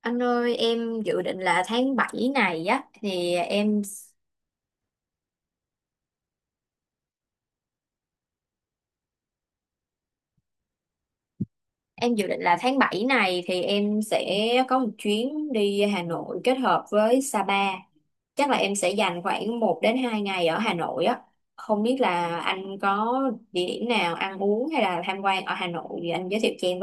Anh ơi, em dự định là tháng 7 này á thì em dự định là tháng 7 này thì em sẽ có một chuyến đi Hà Nội kết hợp với Sapa. Chắc là em sẽ dành khoảng 1 đến 2 ngày ở Hà Nội á. Không biết là anh có địa điểm nào ăn uống hay là tham quan ở Hà Nội thì anh giới thiệu cho em.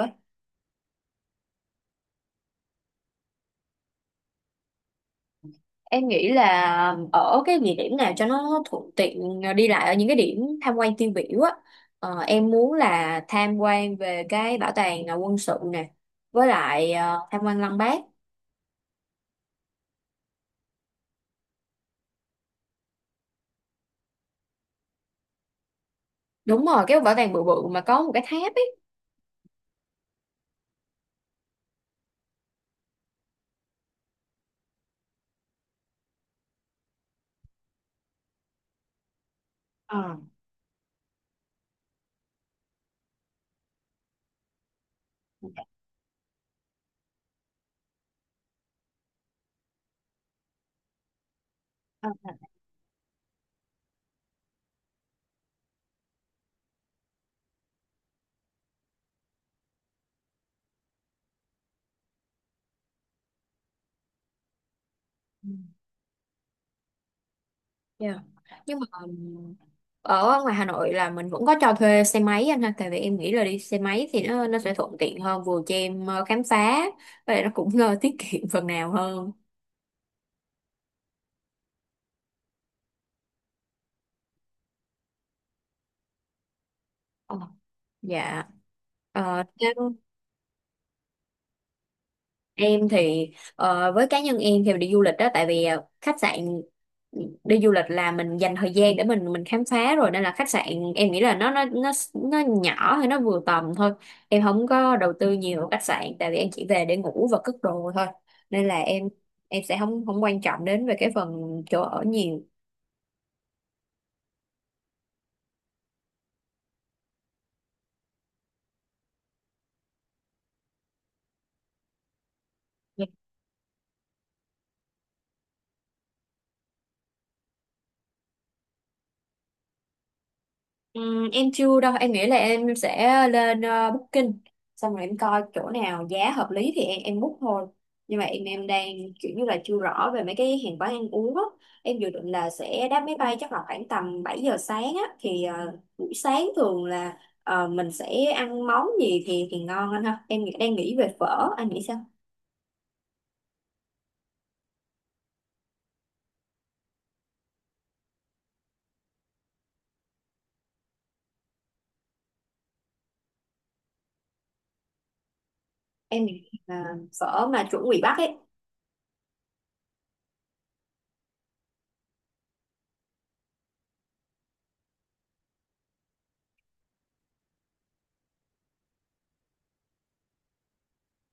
Em nghĩ là ở cái địa điểm nào cho nó thuận tiện đi lại ở những cái điểm tham quan tiêu biểu á. Em muốn là tham quan về cái bảo tàng quân sự nè, với lại tham quan Lăng Bác. Đúng rồi, cái bảo tàng bự bự mà có một cái tháp ấy. Ờ. Yeah. Nhưng mà ở ngoài Hà Nội là mình vẫn có cho thuê xe máy anh ha, tại vì em nghĩ là đi xe máy thì nó sẽ thuận tiện hơn, vừa cho em khám phá và lại nó cũng tiết kiệm phần nào hơn. Ờ. Dạ. Uh, Em thì với cá nhân em thì đi du lịch đó, tại vì khách sạn, đi du lịch là mình dành thời gian để mình khám phá rồi, nên là khách sạn em nghĩ là nó nhỏ hay nó vừa tầm thôi. Em không có đầu tư nhiều vào khách sạn tại vì em chỉ về để ngủ và cất đồ thôi. Nên là em sẽ không không quan trọng đến về cái phần chỗ ở nhiều. Ừ, em chưa đâu. Em nghĩ là em sẽ lên Booking, xong rồi em coi chỗ nào giá hợp lý thì em book thôi. Nhưng mà em đang kiểu như là chưa rõ về mấy cái hàng quán ăn uống á. Em dự định là sẽ đáp máy bay chắc là khoảng tầm 7 giờ sáng á, thì buổi sáng thường là mình sẽ ăn món gì thì ngon anh ha. Em đang nghĩ về phở, anh nghĩ sao? Em nghĩ là phở mà chuẩn bị Bắc ấy.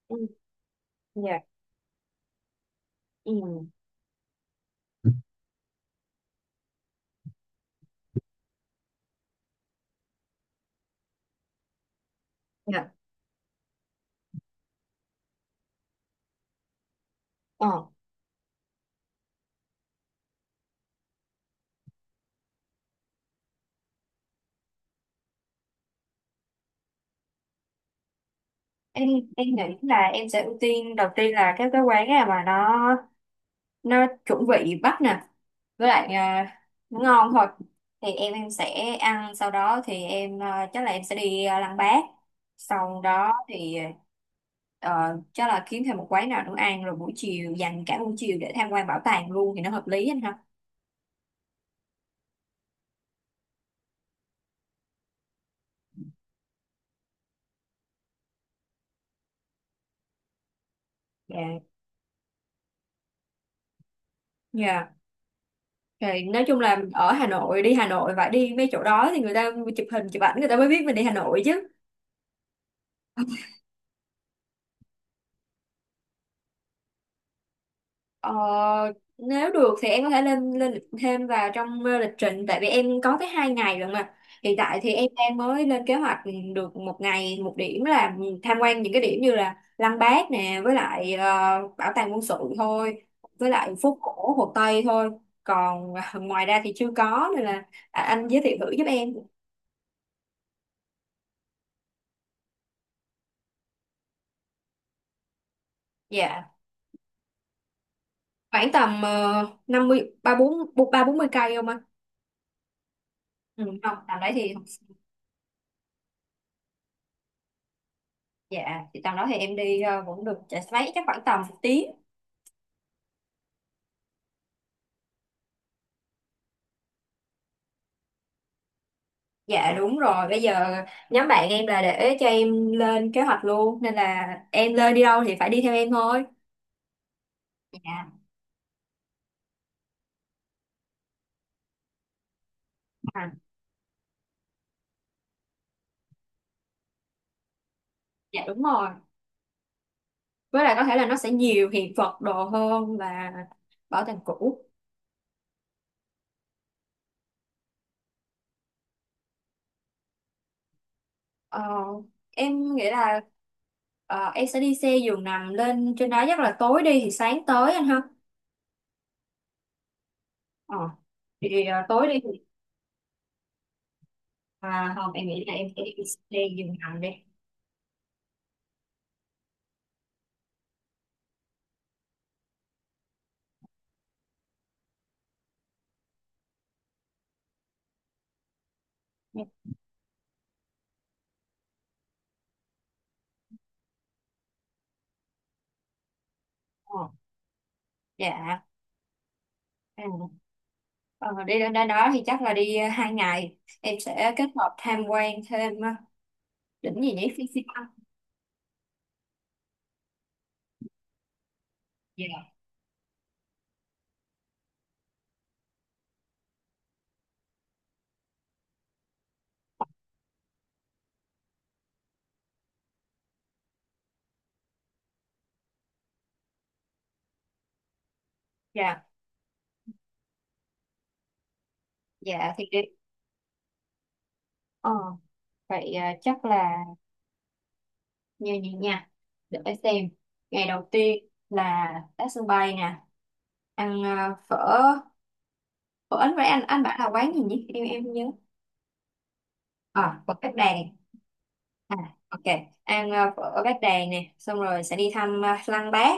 Ừ, dạ. Ừ, dạ. Ờ. em em nghĩ là em sẽ ưu tiên đầu tiên là cái quán nào mà nó chuẩn vị Bắc nè, với lại nó ngon thôi, thì em sẽ ăn. Sau đó thì em chắc là em sẽ đi Lăng Bác. Sau đó thì ờ, chắc là kiếm thêm một quán nào nữa ăn, rồi buổi chiều dành cả buổi chiều để tham quan bảo tàng luôn thì nó hợp lý anh ha. Dạ. Dạ. Thì nói chung là ở Hà Nội, đi Hà Nội phải đi mấy chỗ đó thì người ta chụp hình chụp ảnh, người ta mới biết mình đi Hà Nội chứ. Ờ, nếu được thì em có thể lên lên lịch thêm vào trong lịch trình, tại vì em có tới 2 ngày rồi mà. Hiện tại thì em đang mới lên kế hoạch được một ngày một điểm, là tham quan những cái điểm như là Lăng Bác nè, với lại bảo tàng quân sự thôi, với lại phố cổ Hồ Tây thôi. Còn ngoài ra thì chưa có, nên là anh giới thiệu thử giúp em. Dạ. Khoảng tầm năm mươi ba bốn mươi cây không ạ? Ừ, không tầm đấy thì. Dạ, thì tầm đó thì em đi cũng được, chạy xe máy chắc khoảng tầm 1 tiếng. Dạ đúng rồi, bây giờ nhóm bạn em là để cho em lên kế hoạch luôn, nên là em lên đi đâu thì phải đi theo em thôi. Dạ. à, dạ đúng rồi. Với lại có thể là nó sẽ nhiều hiện vật đồ hơn là bảo tàng cũ. Ờ, em nghĩ là em sẽ đi xe giường nằm lên trên đó, chắc là tối đi thì sáng tới anh ha. Ờ, thì tối đi thì à, không em nghĩ là em sẽ đi xe giường nằm đi. Ờ. Dạ. À. Ờ, đi lên đó, đó thì chắc là đi hai ngày em sẽ kết hợp tham quan thêm đỉnh gì nhỉ, Phi Phi Băng. Dạ. Dạ. Dạ thì đi ờ, vậy chắc là như vậy nha. Để xem, ngày đầu tiên là tới sân bay nè, ăn phở, phở với anh. Anh bảo là quán gì nhỉ, em không nhớ. À, phở Bát Đàn. À, ok, ăn phở Bát Đàn nè, xong rồi sẽ đi thăm Lăng Bác.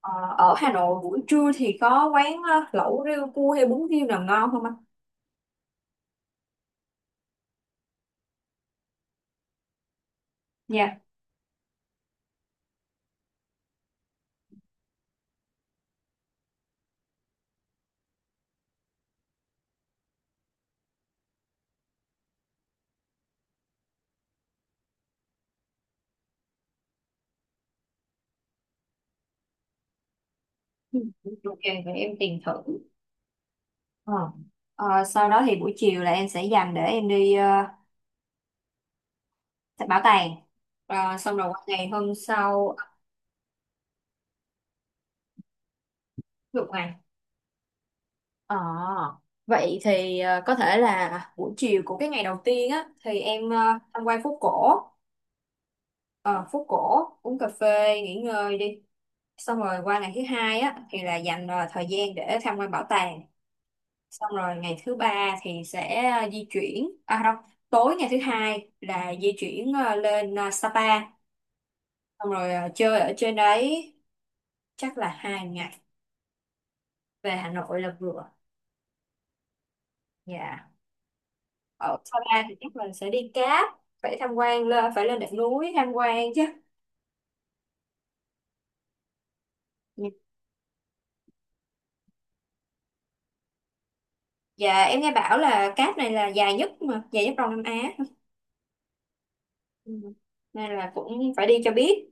Ờ, ở Hà Nội buổi trưa thì có quán lẩu riêu cua hay bún riêu nào ngon không anh? Dạ. Ừ, ok, vậy em tìm thử. Ờ. Ờ, sau đó thì buổi chiều là em sẽ dành để em đi bảo tàng. Ờ, xong rồi qua ngày hôm sau dục ngày. Ờ, vậy thì có thể là buổi chiều của cái ngày đầu tiên á thì em tham quan phố cổ. Ờ, phố cổ uống cà phê nghỉ ngơi đi. Xong rồi qua ngày thứ hai á thì là dành thời gian để tham quan bảo tàng. Xong rồi ngày thứ ba thì sẽ di chuyển, à không, tối ngày thứ hai là di chuyển lên Sapa, xong rồi chơi ở trên đấy chắc là 2 ngày. Về Hà Nội là vừa. Dạ. Ở Sapa thì chắc mình sẽ đi cáp, phải tham quan, lên phải lên đỉnh núi tham quan chứ. Dạ em nghe bảo là cáp này là dài nhất, mà dài nhất Đông Nam Á. Ừ, nên là cũng phải đi cho biết.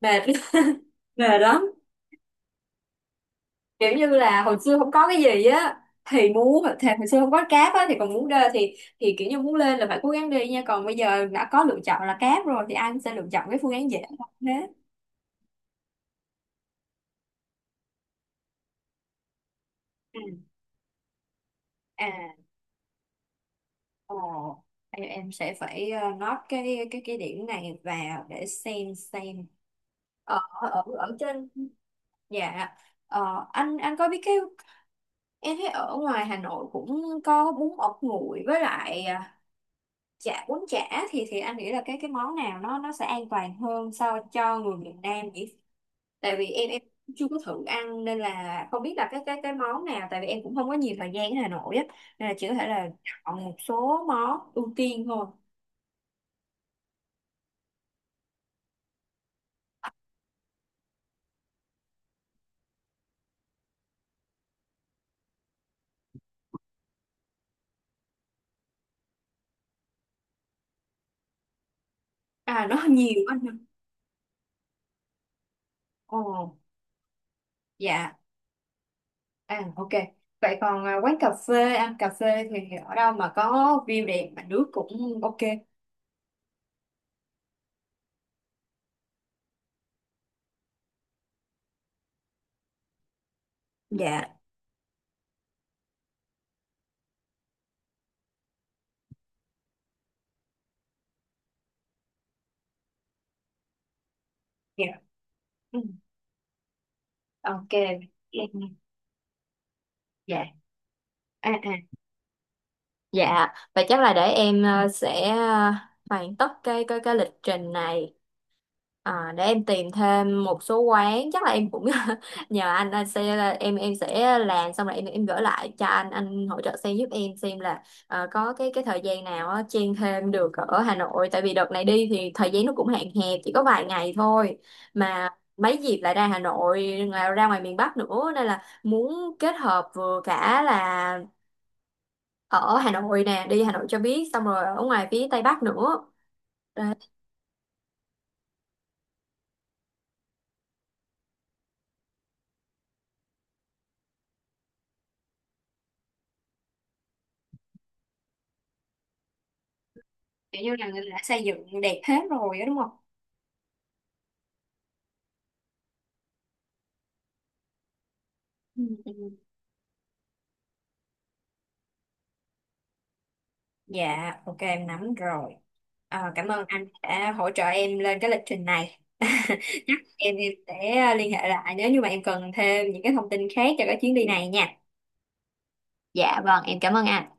Mệt mệt lắm. Kiểu như là hồi xưa không có cái gì á thì muốn, thì hồi xưa không có cáp á thì còn muốn đê, thì kiểu như muốn lên là phải cố gắng đi nha. Còn bây giờ đã có lựa chọn là cáp rồi thì anh sẽ lựa chọn cái phương án dễ hơn thế. Ừ. À. Ồ. Em sẽ phải note cái điểm này vào để xem xem. Ở ở ở trên. Dạ. Ờ, anh có biết cái em thấy ở ngoài Hà Nội cũng có bún ốc nguội với lại chả, bún chả, thì anh nghĩ là cái món nào nó sẽ an toàn hơn so cho người miền Nam nhỉ. Tại vì em chưa có thử ăn nên là không biết là cái món nào, tại vì em cũng không có nhiều thời gian ở Hà Nội á, nên là chỉ có thể là chọn một số món ưu tiên thôi. À nó nhiều anh ạ. Ồ. Dạ. À, ok, vậy còn quán cà phê, ăn cà phê thì ở đâu mà có view đẹp mà nước cũng ok? Dạ. Dạ. Ừ, ok. Dạ. À à. Dạ, vậy chắc là để em sẽ hoàn tất cái lịch trình này, để em tìm thêm một số quán. Chắc là em cũng nhờ anh sẽ là- em sẽ làm xong rồi em gửi lại cho anh hỗ trợ xem giúp em xem là có cái thời gian nào á, chen thêm được ở Hà Nội, tại vì đợt này đi thì thời gian nó cũng hạn hẹp chỉ có vài ngày thôi mà. Mấy dịp lại ra Hà Nội ngoài- ra ngoài miền Bắc nữa, nên là muốn kết hợp vừa cả là ở Hà Nội nè, đi Hà Nội cho biết, xong rồi ở ngoài phía Tây Bắc nữa. Đấy. Kiểu như là người ta đã xây dựng đẹp hết rồi đó đúng không? Ừ. Ừ. Dạ ok em nắm rồi. Ờ, cảm ơn anh đã hỗ trợ em lên cái lịch trình này chắc em sẽ liên hệ lại nếu như mà em cần thêm những cái thông tin khác cho cái chuyến đi này nha. Dạ vâng, em cảm ơn anh.